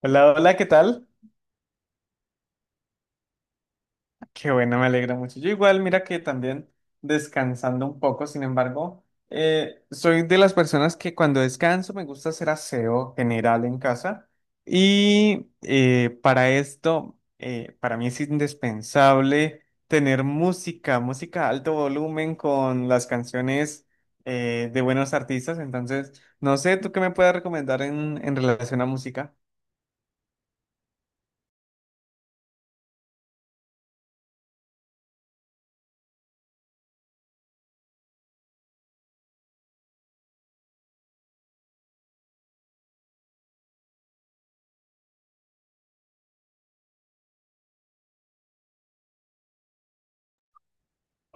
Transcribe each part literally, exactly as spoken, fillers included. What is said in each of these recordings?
Hola, hola, ¿qué tal? Qué bueno, me alegra mucho. Yo igual, mira que también descansando un poco, sin embargo, eh, soy de las personas que cuando descanso me gusta hacer aseo general en casa y eh, para esto, eh, para mí es indispensable tener música, música a alto volumen con las canciones eh, de buenos artistas. Entonces, no sé, ¿tú qué me puedes recomendar en, en relación a música?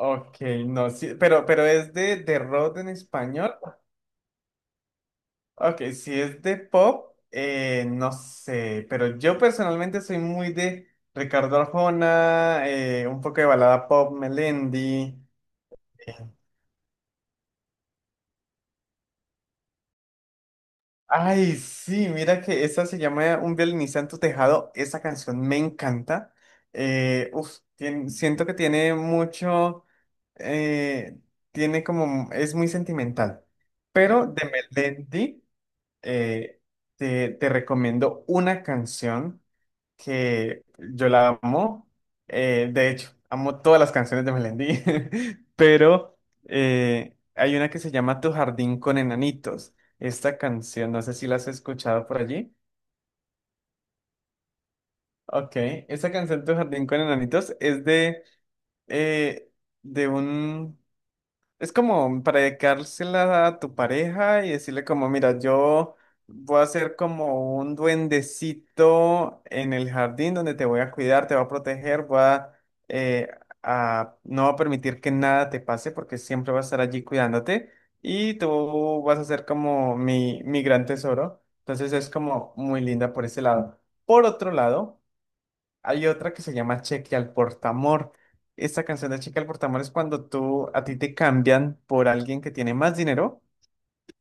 Ok, no, sí, pero, pero es de, de rock en español. Ok, si es de pop, eh, no sé, pero yo personalmente soy muy de Ricardo Arjona, eh, un poco de balada pop, Melendi. eh, Ay, sí, mira que esa se llama Un violinista en tu tejado, esa canción me encanta. Eh, uf, tien- siento que tiene mucho, eh, tiene como, es muy sentimental. Pero de Melendi. eh, te, te recomiendo una canción que yo la amo. Eh, de hecho, amo todas las canciones de Melendi, pero eh, hay una que se llama Tu jardín con enanitos. Esta canción, no sé si la has escuchado por allí. Ok, esta canción Tu jardín con enanitos es de, eh, de un. Es como para dedicársela a tu pareja y decirle como, mira, yo voy a ser como un duendecito en el jardín donde te voy a cuidar, te voy a proteger, voy a, eh, a- no va a permitir que nada te pase porque siempre va a estar allí cuidándote y tú vas a ser como mi, mi gran tesoro. Entonces es como muy linda por ese lado. Por otro lado, hay otra que se llama Cheque al Portamor. Esta canción de Cheque al Portamor es cuando tú a ti te cambian por alguien que tiene más dinero,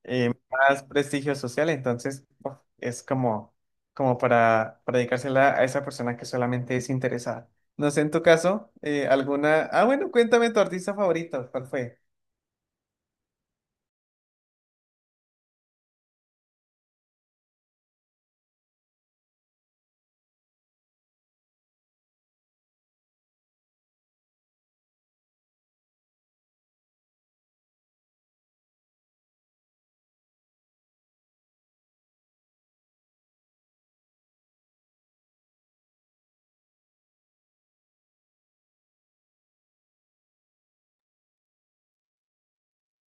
eh, más prestigio social. Entonces, uf, es como, como para, para dedicársela a esa persona que solamente es interesada. No sé, en tu caso, eh, alguna. Ah, bueno, cuéntame tu artista favorito. ¿Cuál fue?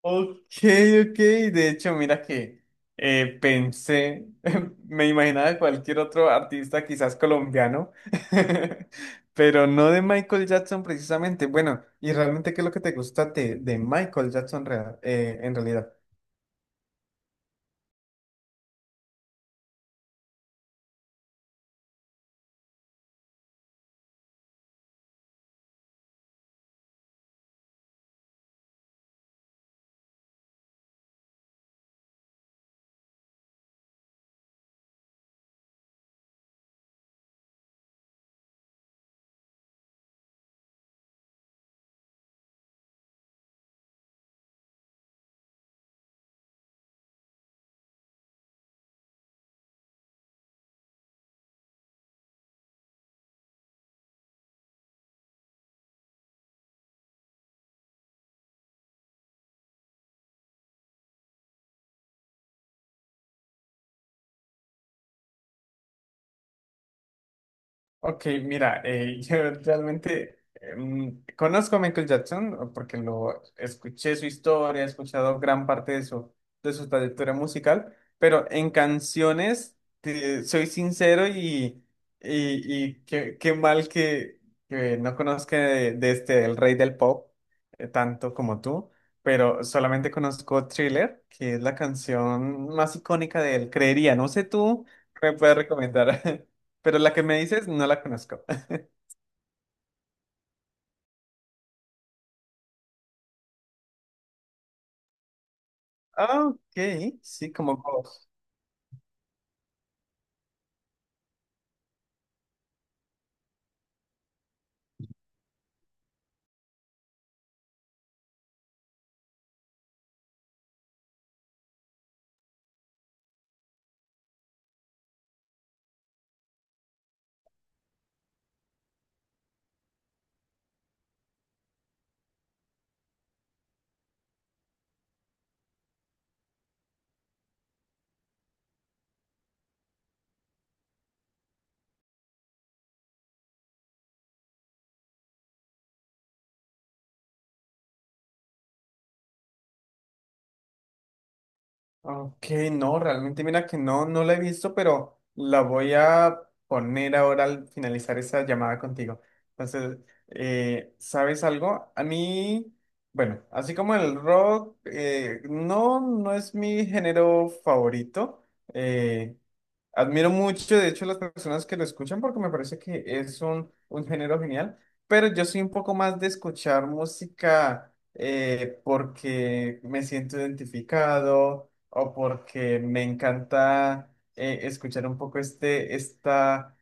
Ok, ok. De hecho, mira que eh, pensé, me imaginaba de cualquier otro artista, quizás colombiano, pero no de Michael Jackson precisamente. Bueno, ¿y realmente qué es lo que te gusta de, de Michael Jackson rea- eh, en realidad? Ok, mira, eh, yo realmente em, conozco a Michael Jackson porque lo escuché su historia, he escuchado gran parte de su, de su trayectoria musical, pero en canciones, te- soy sincero y, y, y qué, qué mal que, que no conozca de, de este, el rey del pop, eh, tanto como tú, pero solamente conozco Thriller, que es la canción más icónica de él, creería, no sé tú, ¿qué me puedes recomendar? Pero la que me dices no la conozco. Ah, ok, sí, como Ghost. Ok, no, realmente mira que no, no la he visto, pero la voy a poner ahora al finalizar esa llamada contigo. Entonces, eh, ¿sabes algo? A mí, bueno, así como el rock, eh, no, no es mi género favorito. eh, Admiro mucho, de hecho, las personas que lo escuchan porque me parece que es un, un género genial, pero yo soy un poco más de escuchar música eh, porque me siento identificado o porque me encanta eh, escuchar un poco este, esta,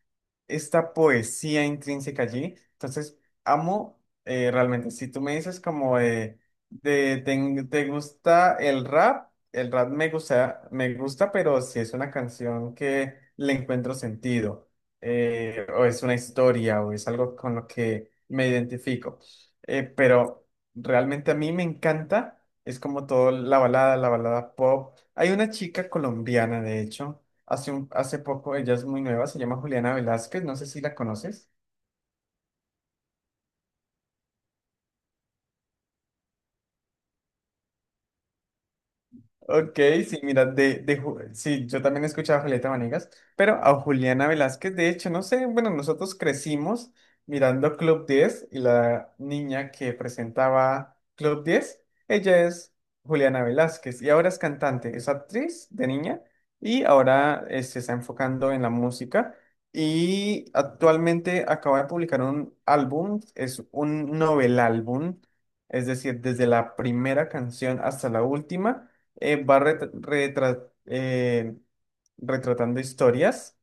esta poesía intrínseca allí. Entonces, amo eh, realmente. Si tú me dices como de, de, ¿te te gusta el rap? El rap me gusta, me gusta, pero si es una canción que le encuentro sentido, eh, o es una historia, o es algo con lo que me identifico. Eh, pero realmente a mí me encanta, es como todo la balada, la balada pop. Hay una chica colombiana, de hecho, hace un, hace poco, ella es muy nueva, se llama Juliana Velázquez, no sé si la conoces. Ok, sí, mira, de, de Ju- sí, yo también he escuchado a Julieta Venegas, pero a Juliana Velázquez, de hecho, no sé, bueno, nosotros crecimos mirando Club diez y la niña que presentaba Club diez, ella es Juliana Velázquez y ahora es cantante, es actriz de niña y ahora eh, se está enfocando en la música y actualmente acaba de publicar un álbum, es un novel álbum, es decir, desde la primera canción hasta la última eh, va retra- retra- eh, retratando historias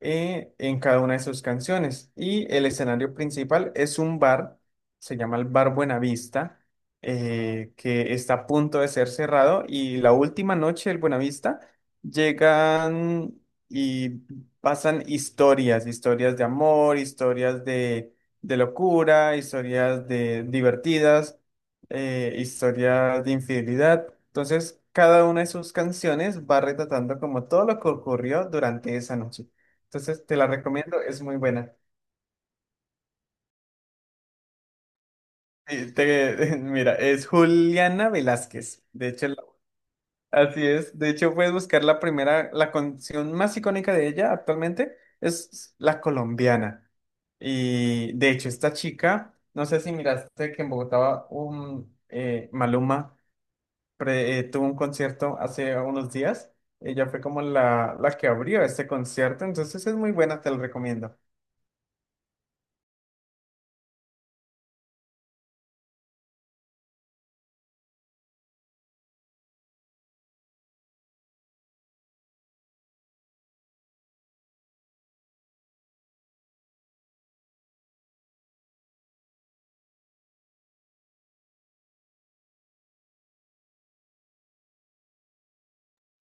eh, en cada una de sus canciones. Y el escenario principal es un bar, se llama el Bar Buenavista, eh, que está a punto de ser cerrado. Y la última noche del Buenavista llegan y pasan historias, historias de amor, historias de, de locura, historias de divertidas, eh, historias de infidelidad. Entonces, cada una de sus canciones va retratando como todo lo que ocurrió durante esa noche. Entonces te la recomiendo, es muy buena. Y te- mira, es Juliana Velázquez. De hecho, la- así es. De hecho, puedes buscar la primera, la canción más icónica de ella actualmente es La Colombiana. Y de hecho, esta chica, no sé si miraste que en Bogotá un eh, Maluma pre- eh, tuvo un concierto hace unos días. Ella fue como la, la que abrió este concierto, entonces es muy buena, te lo recomiendo.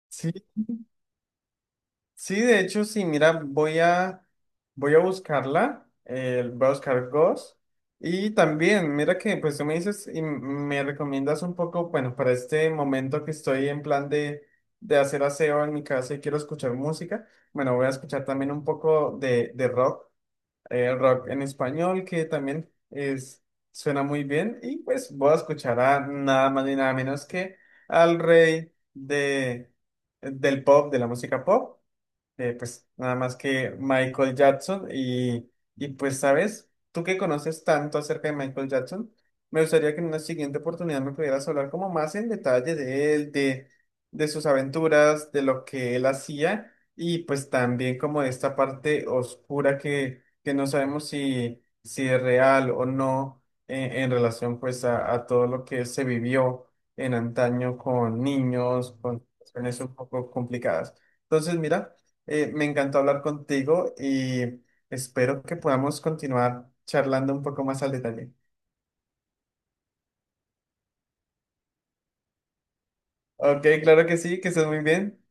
Sí, sí, de hecho, sí, mira, voy a, voy a buscarla, eh, voy a buscar Ghost. Y también, mira que pues tú me dices y m- me recomiendas un poco, bueno, para este momento que estoy en plan de, de hacer aseo en mi casa y quiero escuchar música, bueno, voy a escuchar también un poco de, de rock, eh, rock en español, que también es, suena muy bien. Y pues voy a escuchar a nada más ni nada menos que al rey de, del pop, de la música pop eh, pues nada más que Michael Jackson y, y pues sabes, tú que conoces tanto acerca de Michael Jackson, me gustaría que en una siguiente oportunidad me pudieras hablar como más en detalle de él, de, de sus aventuras, de lo que él hacía y pues también como de esta parte oscura que, que no sabemos si, si es real o no en, en relación pues a, a todo lo que se vivió en antaño con niños, con situaciones un poco complicadas. Entonces, mira. Eh, me encantó hablar contigo y espero que podamos continuar charlando un poco más al detalle. Ok, claro que sí, que estés muy bien.